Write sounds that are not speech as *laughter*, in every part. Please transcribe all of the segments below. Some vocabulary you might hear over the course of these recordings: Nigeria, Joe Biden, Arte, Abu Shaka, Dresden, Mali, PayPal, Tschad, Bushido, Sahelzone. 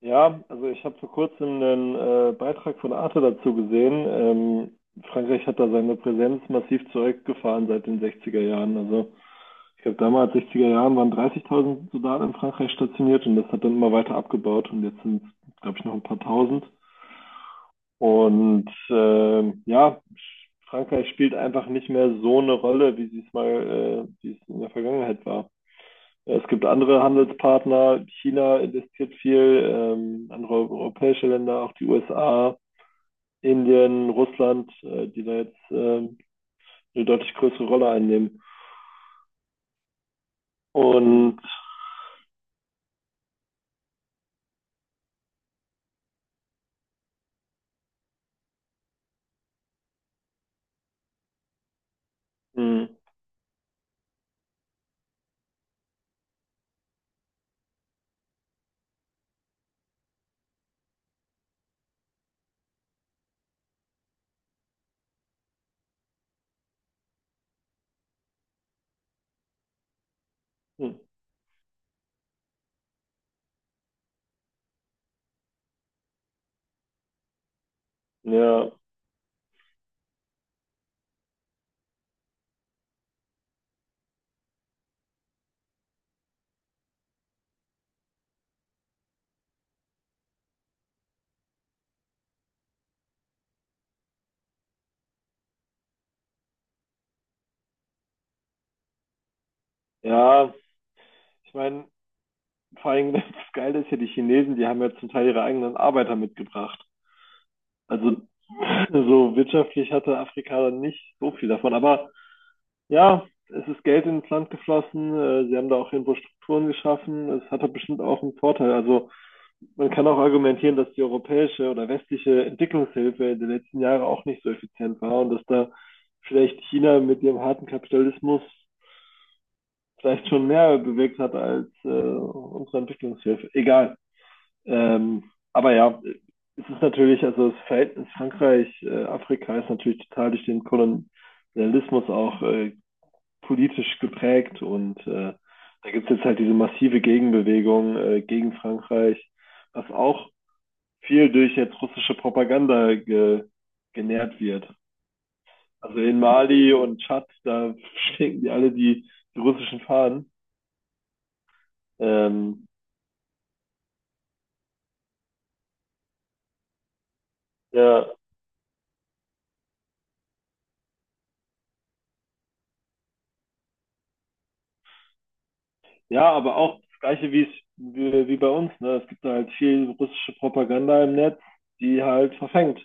Ja, also ich habe vor kurzem einen Beitrag von Arte dazu gesehen. Frankreich hat da seine Präsenz massiv zurückgefahren seit den 60er Jahren. Also ich glaube, damals, 60er Jahren, waren 30.000 Soldaten in Frankreich stationiert und das hat dann immer weiter abgebaut und jetzt sind es, glaube ich, noch ein paar Tausend. Und ja, Frankreich spielt einfach nicht mehr so eine Rolle, wie es in der Vergangenheit war. Es gibt andere Handelspartner. China investiert viel, andere europäische Länder, auch die USA, Indien, Russland, die da jetzt eine deutlich größere Rolle einnehmen. Und mh, mh, ja, ja, ich meine, vor allem *laughs* das Geile ist ja, die Chinesen, die haben ja zum Teil ihre eigenen Arbeiter mitgebracht. Also *laughs* so wirtschaftlich hatte Afrika dann nicht so viel davon. Aber ja, es ist Geld ins Land geflossen. Sie haben da auch irgendwo Strukturen geschaffen. Es hat doch bestimmt auch einen Vorteil. Also man kann auch argumentieren, dass die europäische oder westliche Entwicklungshilfe in den letzten Jahren auch nicht so effizient war und dass da vielleicht China mit ihrem harten Kapitalismus vielleicht schon mehr bewirkt hat als unsere Entwicklungshilfe. Egal. Ähm, aber ja, es ist natürlich, also das Verhältnis Frankreich-Afrika ist natürlich total durch den Kolonialismus auch politisch geprägt und da gibt es jetzt halt diese massive Gegenbewegung gegen Frankreich, was auch viel durch jetzt russische Propaganda ge genährt wird. Also in Mali und Tschad, da *laughs* schwenken die alle die russischen Fahnen. Ähm, ja, ja, aber auch das Gleiche wie, es, wie bei uns. Ne? Es gibt da halt viel russische Propaganda im Netz, die halt verfängt.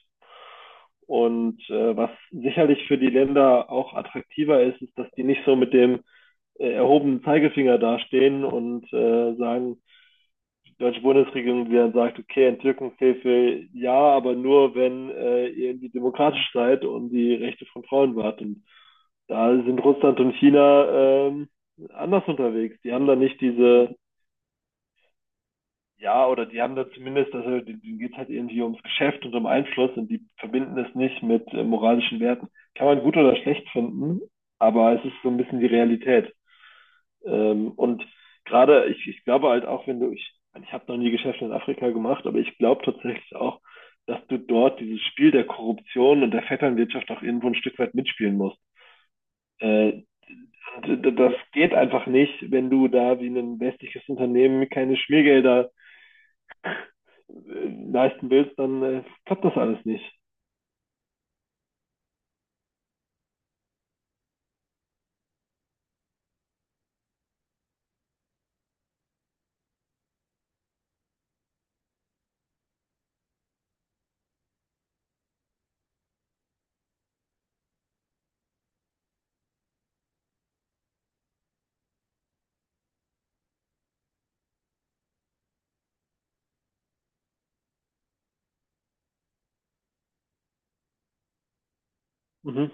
Und was sicherlich für die Länder auch attraktiver ist, ist, dass die nicht so mit dem erhobenen Zeigefinger dastehen und sagen, die deutsche Bundesregierung, die dann sagt, okay, Entzückungshilfe ja, aber nur, wenn ihr irgendwie demokratisch seid und die Rechte von Frauen wahrt. Und da sind Russland und China anders unterwegs. Die haben da nicht diese ja, oder die haben da zumindest, also denen geht es halt irgendwie ums Geschäft und um Einfluss und die verbinden es nicht mit moralischen Werten. Kann man gut oder schlecht finden, aber es ist so ein bisschen die Realität. Und gerade, ich glaube halt auch, wenn du, ich habe noch nie Geschäfte in Afrika gemacht, aber ich glaube tatsächlich auch, dass du dort dieses Spiel der Korruption und der Vetternwirtschaft auch irgendwo ein Stück weit mitspielen musst. Äh, Das geht einfach nicht, wenn du da wie ein westliches Unternehmen keine Schmiergelder leisten willst, dann klappt das alles nicht. Mhm.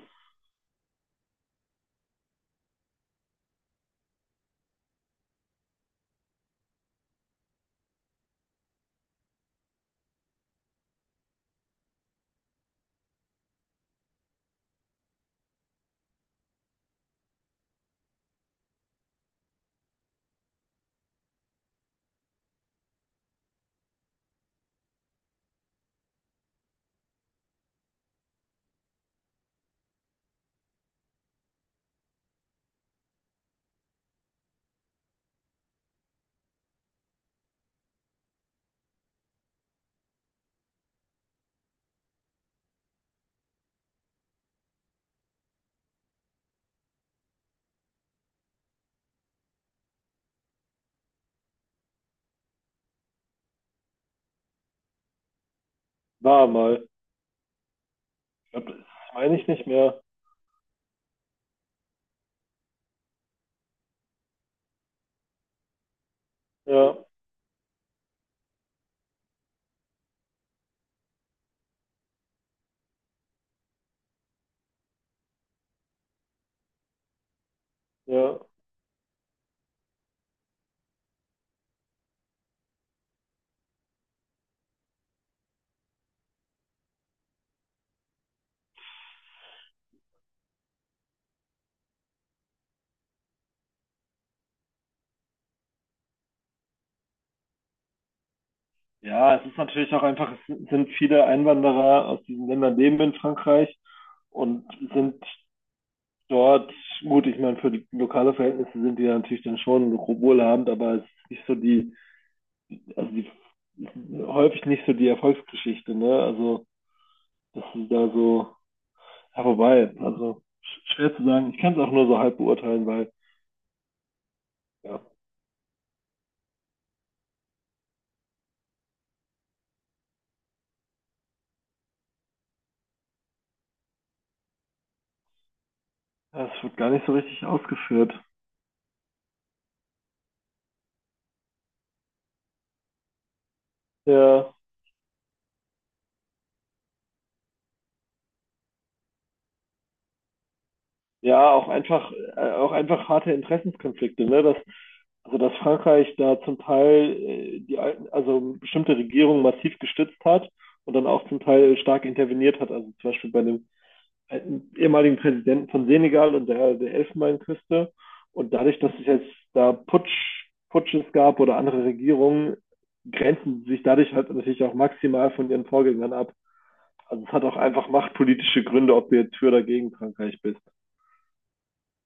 War mal. Ich glaub, das meine ich nicht mehr. Ja, ja. Ja, es ist natürlich auch einfach, es sind viele Einwanderer aus diesen Ländern leben in Frankreich und sind dort, gut, ich meine, für die lokale Verhältnisse sind die natürlich dann schon wohlhabend, aber es ist nicht so die, also die, häufig nicht so die Erfolgsgeschichte, ne? Also, dass sie da so, ja, wobei, also schwer zu sagen, ich kann es auch nur so halb beurteilen, weil, ja, das wird gar nicht so richtig ausgeführt. Ja, ja, auch einfach harte Interessenskonflikte, ne? Dass, also dass Frankreich da zum Teil die alten, also bestimmte Regierungen massiv gestützt hat und dann auch zum Teil stark interveniert hat. Also zum Beispiel bei dem ehemaligen Präsidenten von Senegal und der Elfenbeinküste. Und dadurch, dass es jetzt da Putsches gab oder andere Regierungen, grenzen sich dadurch halt natürlich auch maximal von ihren Vorgängern ab. Also es hat auch einfach machtpolitische Gründe, ob du jetzt für oder gegen Frankreich bist.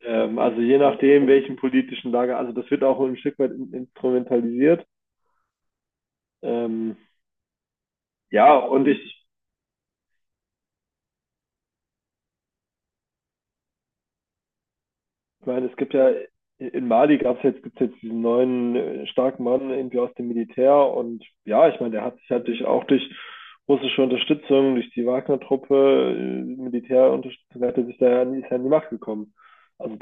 Also je nachdem, welchen politischen Lager, also das wird auch ein Stück weit instrumentalisiert. Ähm, ja, und ich meine, es gibt ja in Mali gibt's jetzt diesen neuen starken Mann irgendwie aus dem Militär und ja, ich meine, der hat sich halt durch, auch durch russische Unterstützung, durch die Wagner-Truppe, Militärunterstützung, hat er sich da ja nie, ist ja an die Macht gekommen. Also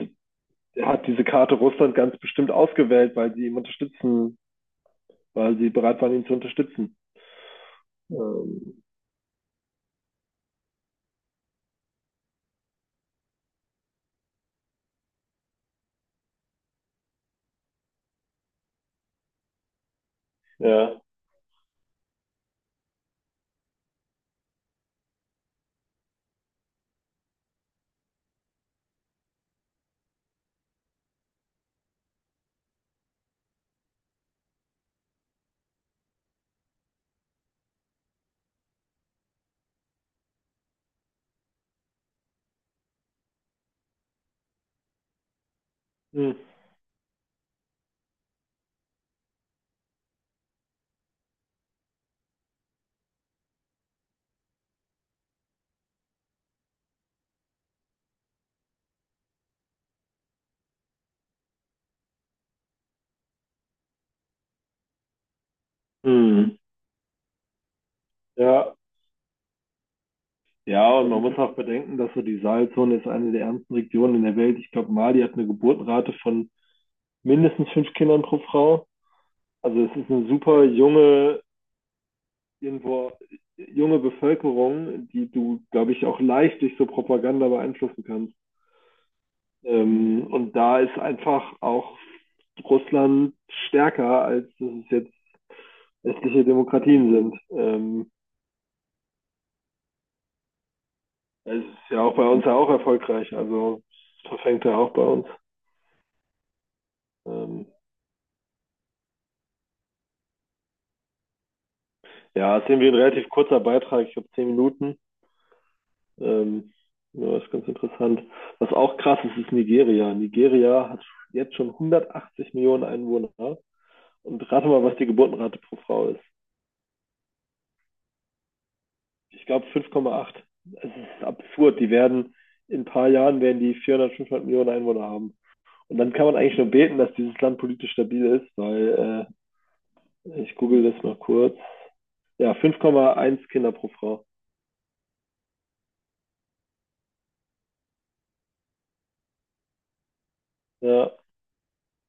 er hat diese Karte Russland ganz bestimmt ausgewählt, weil sie bereit waren, ihn zu unterstützen. Ähm, Ja. Hm. Hm. Ja. Ja, und man muss auch bedenken, dass so die Sahelzone ist eine der ärmsten Regionen in der Welt. Ich glaube, Mali hat eine Geburtenrate von mindestens fünf Kindern pro Frau. Also es ist eine super junge, irgendwo junge Bevölkerung, die du, glaube ich, auch leicht durch so Propaganda beeinflussen kannst. Und da ist einfach auch Russland stärker, als dass es jetzt westliche Demokratien sind. Ja, es ist ja auch bei uns ja auch erfolgreich. Also es verfängt ja auch bei uns. Ähm, ja, es ist irgendwie ein relativ kurzer Beitrag. Ich glaube, 10 Minuten. Ähm, ja, das ist ganz interessant. Was auch krass ist, ist Nigeria. Nigeria hat jetzt schon 180 Millionen Einwohner. Und rate mal, was die Geburtenrate pro Frau ist. Ich glaube 5,8. Es ist absurd. Die werden in ein paar Jahren werden die 400, 500 Millionen Einwohner haben. Und dann kann man eigentlich nur beten, dass dieses Land politisch stabil ist, weil ich google das mal kurz. Ja, 5,1 Kinder pro Frau. Ja,